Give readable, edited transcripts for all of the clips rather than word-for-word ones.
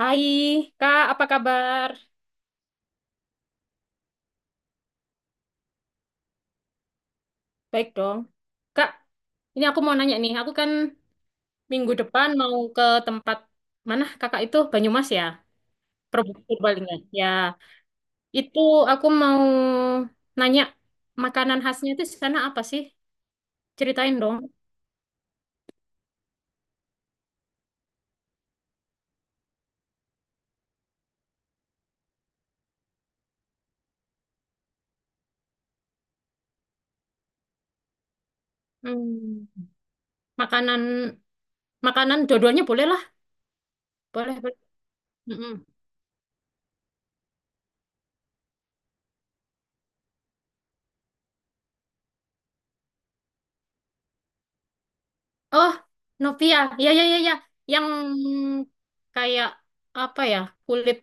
Hai, Kak, apa kabar? Baik dong. Kak, ini aku mau nanya nih. Aku kan minggu depan mau ke tempat mana Kakak itu? Banyumas ya? Purbalingga. Ya, ya, itu aku mau nanya makanan khasnya itu di sana apa sih? Ceritain dong. Hmm, makanan makanan dua-duanya boleh lah. Boleh, boleh. Hmm, hmm. Oh, Nopia. Ya, ya, ya, ya. Yang kayak apa ya? Kulit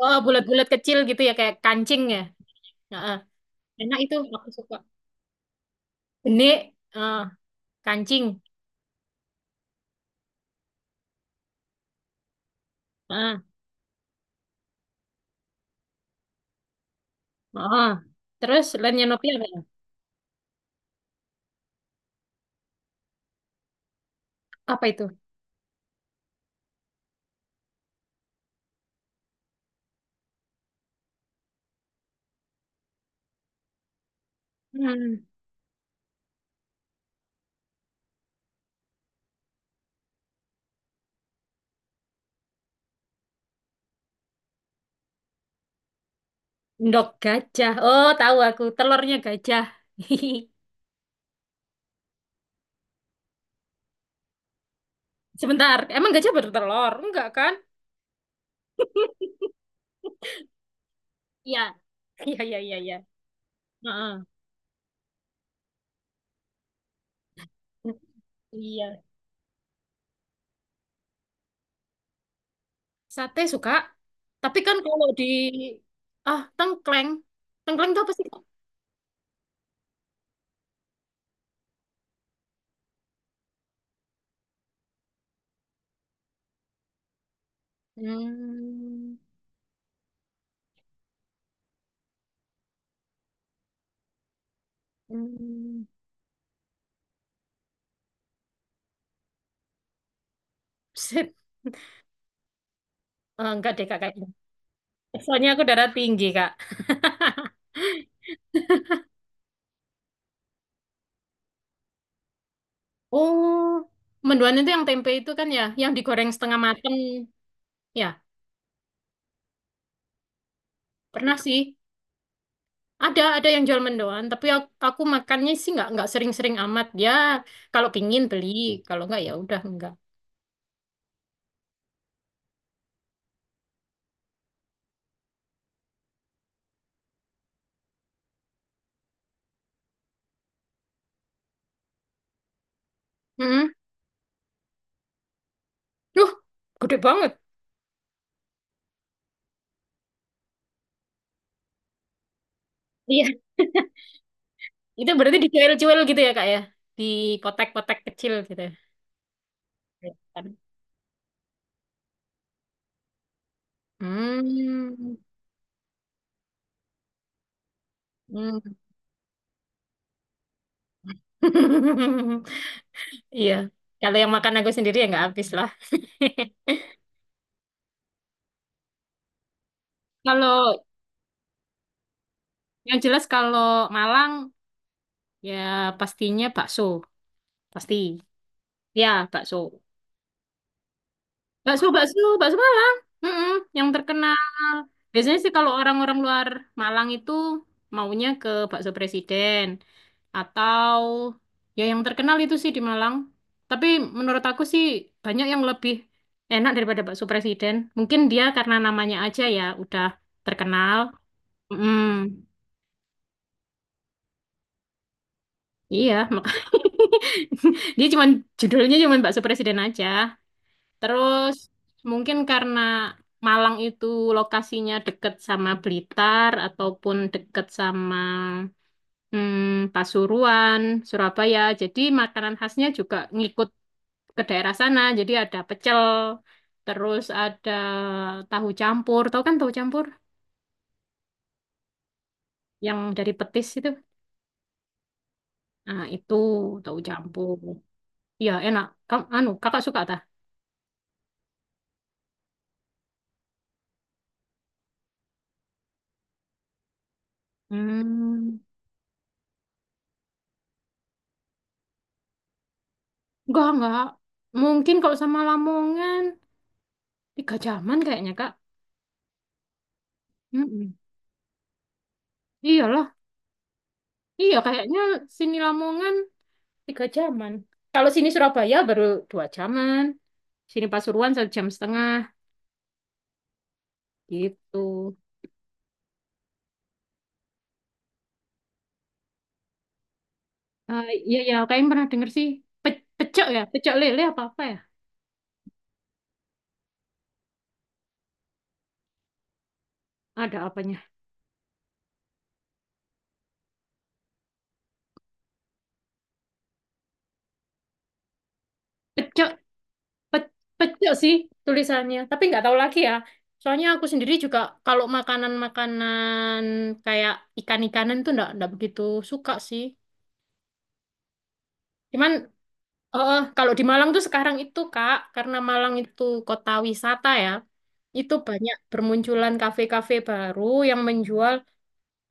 oh, bulat-bulat kecil gitu ya kayak kancing ya. Heeh. Enak itu aku suka. Benik, heeh, kancing. Heeh. Heeh. Terus lainnya Nopia apa ya? Apa itu? Hmm. Endok gajah. Oh, tahu aku. Telurnya gajah. Sebentar. Emang gajah bertelur? Enggak kan? Iya. Iya, iya, iya, iya. Heeh. Iya. Sate suka. Tapi kan kalau di, ah, tengkleng. Tengkleng itu apa sih, Kak? Hmm. Hmm. Set. Eh, enggak deh Kak kayaknya. Soalnya aku darah tinggi Kak. Oh, mendoan itu yang tempe itu kan ya, yang digoreng setengah mateng. Ya, pernah sih. Ada yang jual mendoan, tapi aku makannya sih nggak sering-sering amat. Ya, kalau pingin beli, kalau nggak ya udah nggak. Hmm. Duh, gede banget. Iya. Itu berarti dicuil-cuil gitu ya, Kak, ya? Di kotak-kotak kecil gitu. Ya, kan? Hmm. Hmm. Iya. Kalau yang makan aku sendiri ya nggak habis lah. Kalau yang jelas kalau Malang ya pastinya bakso. Pasti. Ya, bakso. Bakso, bakso, bakso Malang. Mm-mm, yang terkenal. Biasanya sih kalau orang-orang luar Malang itu maunya ke bakso presiden atau ya yang terkenal itu sih di Malang. Tapi menurut aku sih banyak yang lebih enak daripada bakso presiden. Mungkin dia karena namanya aja ya udah terkenal. Mm, iya, dia cuman judulnya cuman bakso presiden aja. Terus mungkin karena Malang itu lokasinya deket sama Blitar ataupun deket sama Pasuruan, Surabaya. Jadi makanan khasnya juga ngikut ke daerah sana. Jadi ada pecel, terus ada tahu campur. Tahu kan tahu campur yang dari petis itu? Nah, itu tahu campur. Iya, enak. Kamu, anu, kakak suka tak? Hmm, enggak, enggak. Mungkin kalau sama Lamongan 3 jaman kayaknya, Kak. Mm-mm. Iyalah, iya kayaknya sini Lamongan 3 jaman. Kalau sini Surabaya baru 2 jaman, sini Pasuruan 1,5 jam gitu. Ah, iya ya, kayaknya pernah denger sih. Pecok ya, pecok lele apa apa ya? Ada apanya? Pecok, pe- Pecok sih tulisannya. Tapi nggak tahu lagi ya. Soalnya aku sendiri juga kalau makanan-makanan kayak ikan-ikanan tuh nggak begitu suka sih. Cuman Oh, kalau di Malang tuh sekarang itu, Kak, karena Malang itu kota wisata ya, itu banyak bermunculan kafe-kafe baru yang menjual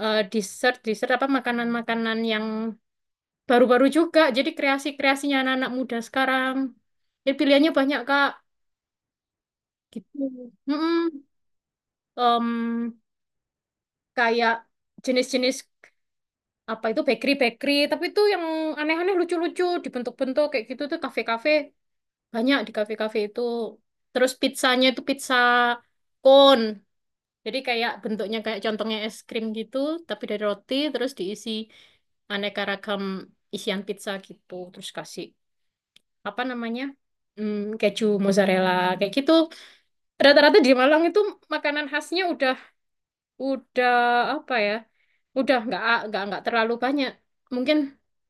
dessert, dessert apa makanan-makanan yang baru-baru juga. Jadi kreasi-kreasinya anak-anak muda sekarang. Jadi pilihannya banyak, Kak, gitu. Mm-mm. Em, Kayak jenis-jenis apa itu bakery-bakery, tapi itu yang aneh-aneh lucu-lucu dibentuk-bentuk kayak gitu tuh kafe-kafe banyak di kafe-kafe itu. Terus pizzanya itu pizza cone. Jadi kayak bentuknya kayak contohnya es krim gitu, tapi dari roti terus diisi aneka ragam isian pizza gitu. Terus kasih apa namanya? Keju mozzarella kayak gitu. Rata-rata di Malang itu makanan khasnya udah apa ya? Udah nggak terlalu banyak. Mungkin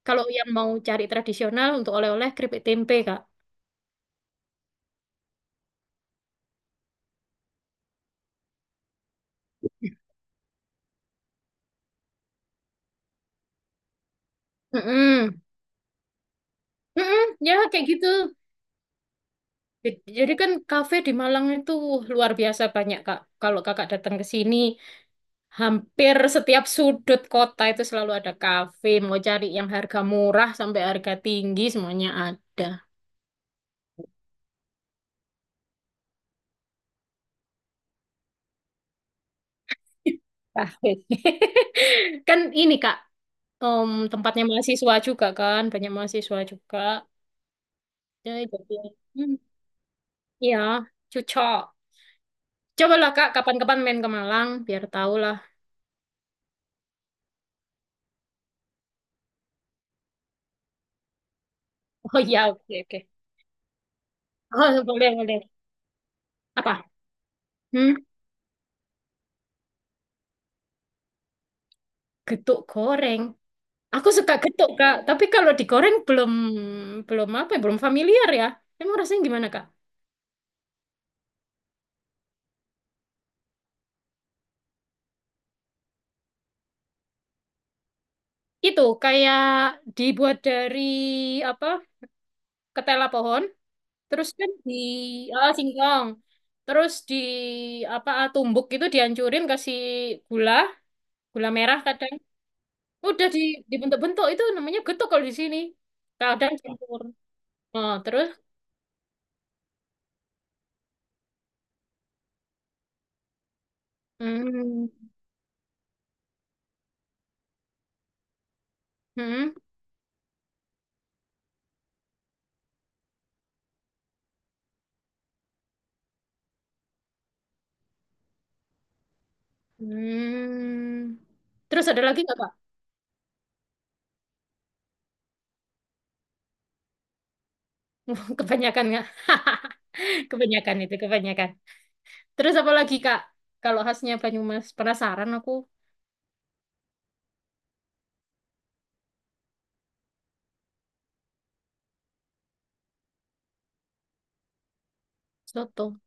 kalau yang mau cari tradisional untuk oleh-oleh keripik tempe, Kak. Mm-mm. Mm-mm, ya kayak gitu. Jadi kan kafe di Malang itu luar biasa banyak, Kak. Kalau Kakak datang ke sini, hampir setiap sudut kota itu selalu ada kafe. Mau cari yang harga murah sampai harga tinggi, semuanya ada. Kafe. Kan ini, Kak, tempatnya mahasiswa juga kan, banyak mahasiswa juga. Ya, jadi, hmm, ya, cocok. Cobalah, Kak, kapan-kapan main ke Malang, biar tahu lah. Oh iya, oke, oke. Oh, boleh, boleh. Apa? Hmm? Getuk goreng. Aku suka getuk, Kak. Tapi kalau digoreng belum belum apa ya, belum familiar ya. Emang rasanya gimana, Kak? Itu kayak dibuat dari apa? Ketela pohon, terus kan singkong. Terus di tumbuk itu dihancurin kasih gula, gula merah kadang. Udah dibentuk-bentuk itu namanya getuk kalau di sini. Kadang campur. Oh, terus hmm, hmm, hmm. Terus ada lagi nggak, Kak? Kebanyakan nggak? Kebanyakan itu, kebanyakan. Terus apa lagi, Kak? Kalau khasnya Banyumas, penasaran aku. Soto.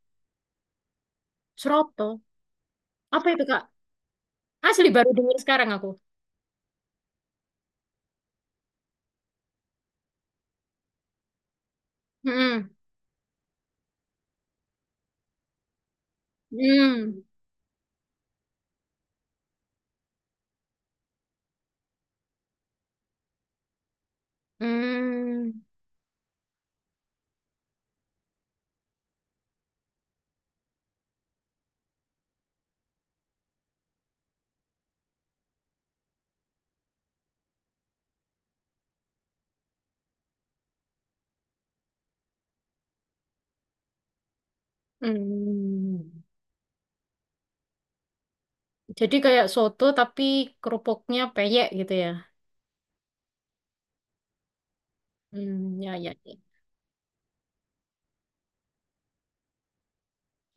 Seroto. Apa itu, Kak? Asli baru dengar sekarang aku. Hmm. Hmm. Hmm. Hmm. Jadi kayak soto tapi kerupuknya peyek gitu ya. Hmm, ya, ya, ya.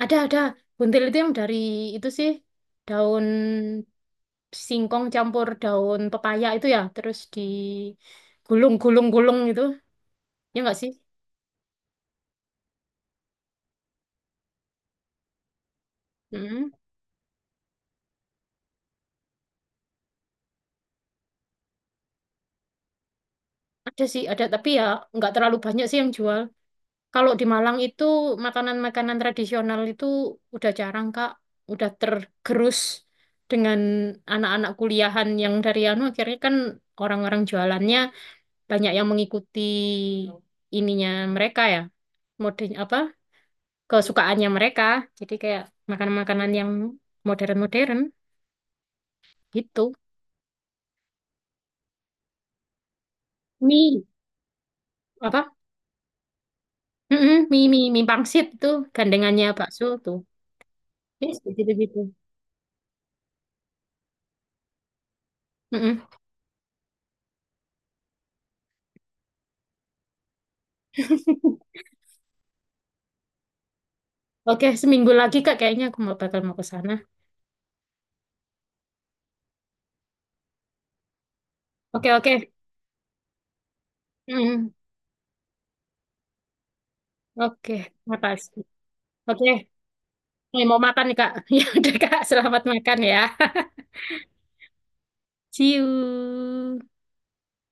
Ada, ada. Buntil itu yang dari itu sih daun singkong campur daun pepaya itu ya. Terus digulung, gulung, gulung gitu. Ya nggak sih? Mm. Ada sih, ada tapi ya nggak terlalu banyak sih yang jual. Kalau di Malang itu makanan-makanan tradisional itu udah jarang, Kak. Udah tergerus dengan anak-anak kuliahan yang dari anu akhirnya kan orang-orang jualannya banyak yang mengikuti ininya mereka ya, mode apa kesukaannya mereka. Jadi kayak makanan-makanan yang modern-modern gitu. Mie apa? Mm-mm, mie mie mie pangsit tuh gandengannya bakso tuh. Yes, gitu-gitu. Oke, seminggu lagi Kak kayaknya aku bakal mau ke sana. Oke, oke. Mm, oke, makasih. Oke, nih mau makan nih Kak. Ya udah Kak, selamat makan ya. See you.